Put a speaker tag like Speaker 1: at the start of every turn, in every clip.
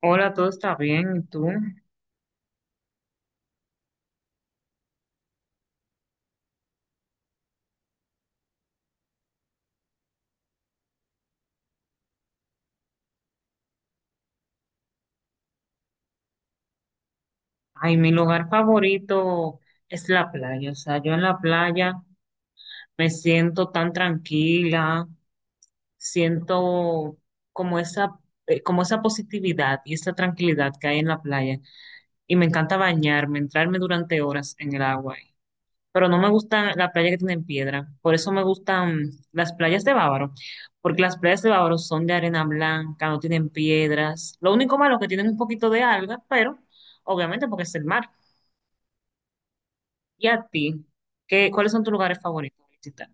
Speaker 1: Hola, todo está bien, ¿y tú? Ay, mi lugar favorito es la playa, o sea, yo en la playa me siento tan tranquila, siento como esa, como esa positividad y esa tranquilidad que hay en la playa, y me encanta bañarme, entrarme durante horas en el agua, pero no me gusta la playa que tiene piedra. Por eso me gustan las playas de Bávaro, porque las playas de Bávaro son de arena blanca, no tienen piedras. Lo único malo es que tienen un poquito de algas, pero obviamente porque es el mar. ¿Y a ti? ¿Qué, cuáles son tus lugares favoritos de visitar?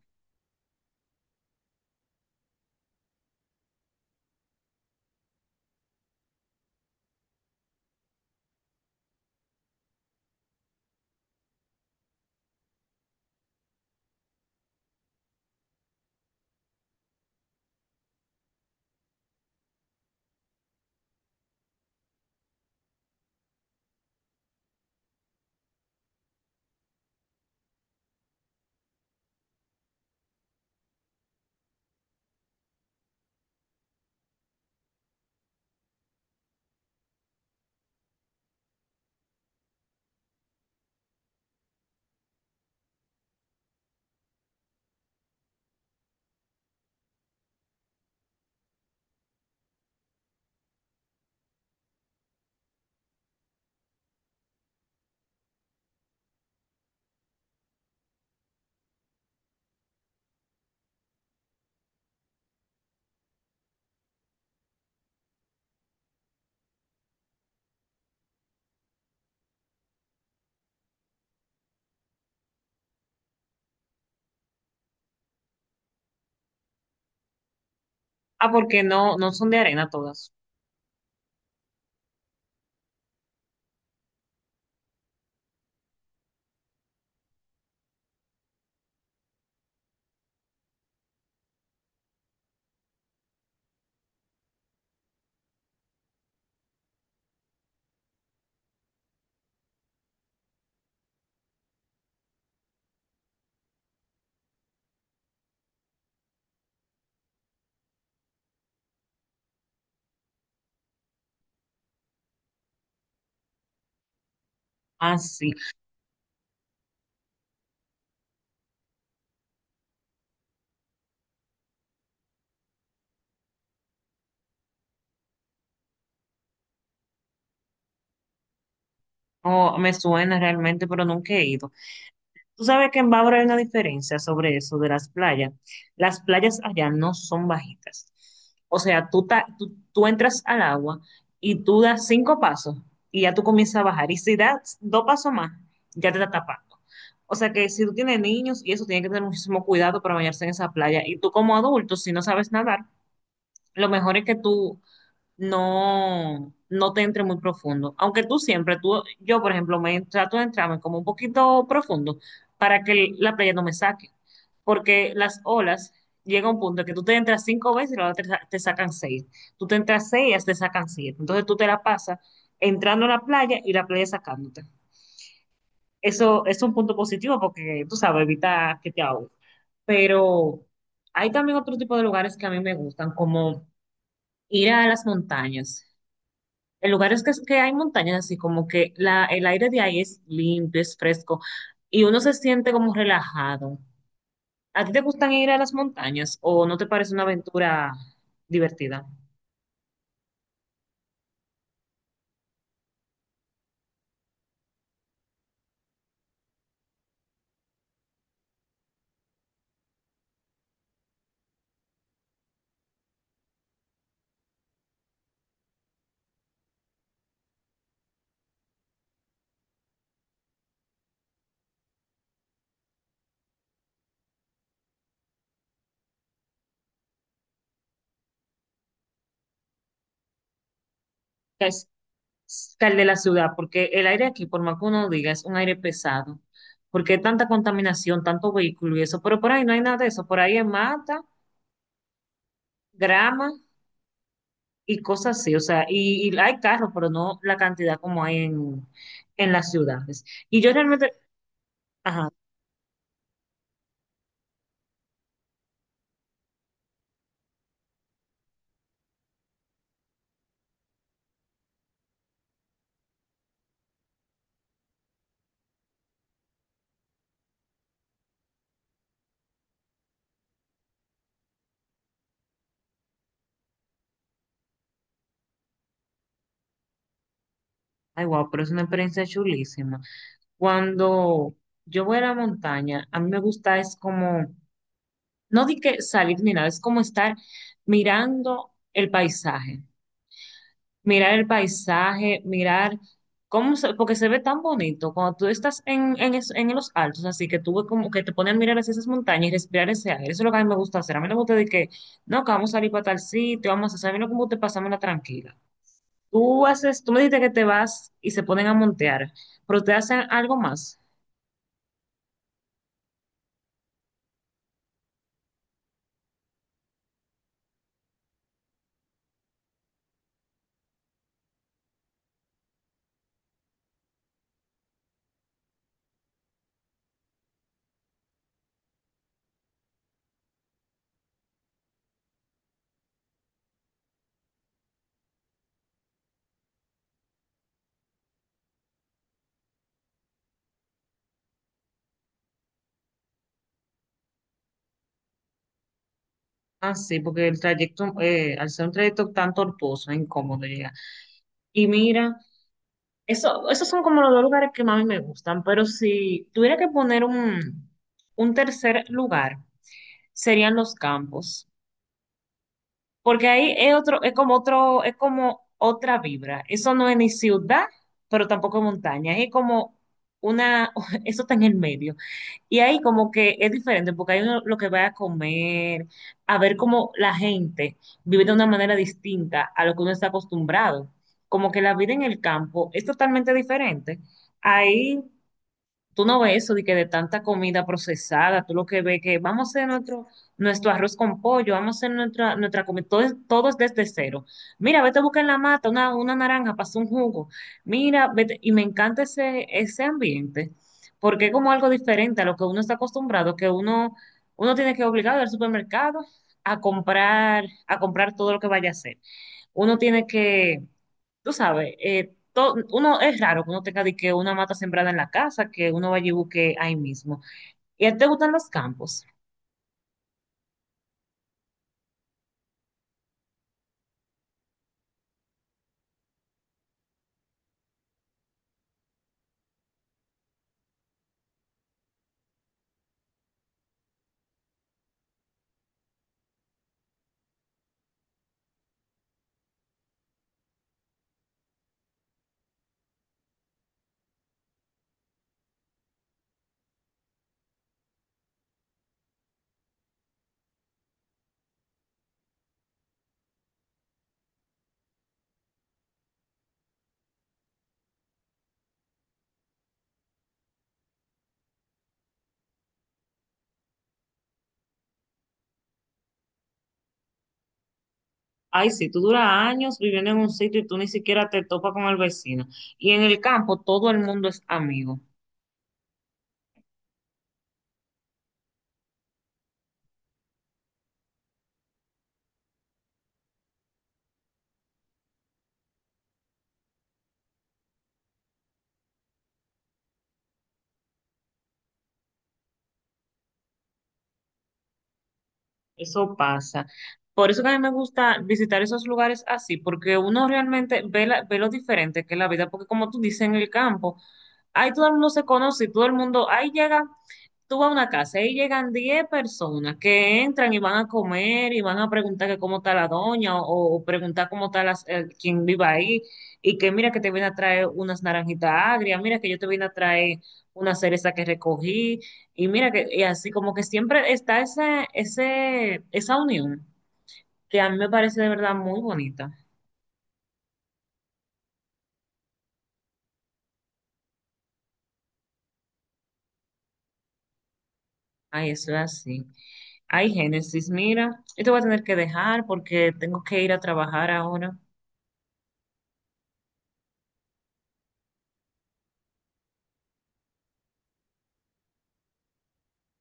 Speaker 1: Ah, porque no, no son de arena todas. Ah, sí. No, me suena realmente, pero nunca he ido. Tú sabes que en Bávaro hay una diferencia sobre eso de las playas. Las playas allá no son bajitas. O sea, tú entras al agua y tú das cinco pasos y ya tú comienzas a bajar. Y si das dos pasos más, ya te está tapando. O sea que si tú tienes niños y eso, tienes que tener muchísimo cuidado para bañarse en esa playa. Y tú como adulto, si no sabes nadar, lo mejor es que tú no te entre muy profundo. Aunque tú siempre, tú, yo por ejemplo, me trato de entrarme como un poquito profundo para que la playa no me saque. Porque las olas llega un punto en que tú te entras cinco veces y las olas te, te sacan seis. Tú te entras seis y ellas te sacan siete. Entonces tú te la pasas entrando a la playa y la playa sacándote. Eso es un punto positivo porque tú sabes, evita que te ahogues. Pero hay también otro tipo de lugares que a mí me gustan, como ir a las montañas. El lugar es que hay montañas, así como que el aire de ahí es limpio, es fresco y uno se siente como relajado. ¿A ti te gustan ir a las montañas o no te parece una aventura divertida? Que es que el de la ciudad, porque el aire aquí, por más que uno diga, es un aire pesado, porque hay tanta contaminación, tanto vehículo y eso, pero por ahí no hay nada de eso, por ahí hay mata, grama y cosas así, o sea, y hay carros, pero no la cantidad como hay en las ciudades. Y yo realmente, ajá. Ay, wow, pero es una experiencia chulísima. Cuando yo voy a la montaña, a mí me gusta es como, no di que salir ni nada, es como estar mirando el paisaje, mirar cómo se, porque se ve tan bonito cuando tú estás en los altos, así que tú ves como que te ponen a mirar hacia esas montañas y respirar ese aire. Eso es lo que a mí me gusta hacer. A mí no me gusta de que, no, que vamos a salir para tal sitio, vamos a hacer, a mí lo que me tranquila. Tú haces, tú me dijiste que te vas y se ponen a montear, pero te hacen algo más. Ah, sí, porque el trayecto, al ser un trayecto tan tortuoso, incómodo llega. Y mira, eso, esos son como los dos lugares que más me gustan, pero si tuviera que poner un tercer lugar, serían los campos. Porque ahí es otro, es como otra vibra. Eso no es ni ciudad, pero tampoco montaña. Es como una, eso está en el medio. Y ahí como que es diferente, porque hay uno lo que va a comer, a ver cómo la gente vive de una manera distinta a lo que uno está acostumbrado. Como que la vida en el campo es totalmente diferente. Ahí tú no ves eso de que de tanta comida procesada, tú lo que ves que vamos a hacer nuestro arroz con pollo, vamos a hacer nuestra comida, todo, todo es desde cero. Mira, vete a buscar en la mata una naranja para hacer un jugo. Mira, vete, y me encanta ese, ese ambiente, porque es como algo diferente a lo que uno está acostumbrado, que uno, uno tiene que obligar al supermercado a comprar todo lo que vaya a hacer. Uno tiene que tú sabes, uno es raro que uno tenga de que una mata sembrada en la casa, que uno vaya y busque ahí mismo. ¿Y a ti te gustan los campos? Ay, sí, tú duras años viviendo en un sitio y tú ni siquiera te topas con el vecino. Y en el campo todo el mundo es amigo. Eso pasa. Por eso que a mí me gusta visitar esos lugares así, porque uno realmente ve, ve lo diferente que es la vida, porque como tú dices, en el campo, ahí todo el mundo se conoce y todo el mundo, ahí llega tú vas a una casa y llegan 10 personas que entran y van a comer y van a preguntar que cómo está la doña o preguntar cómo está quien vive ahí y que mira que te viene a traer unas naranjitas agrias, mira que yo te vine a traer una cereza que recogí y mira que y así como que siempre está ese, ese, esa unión que a mí me parece de verdad muy bonita. Ay, eso es así. Ay, Génesis, mira, yo te voy a tener que dejar porque tengo que ir a trabajar ahora.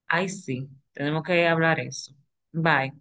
Speaker 1: Ay, sí, tenemos que hablar eso. Bye.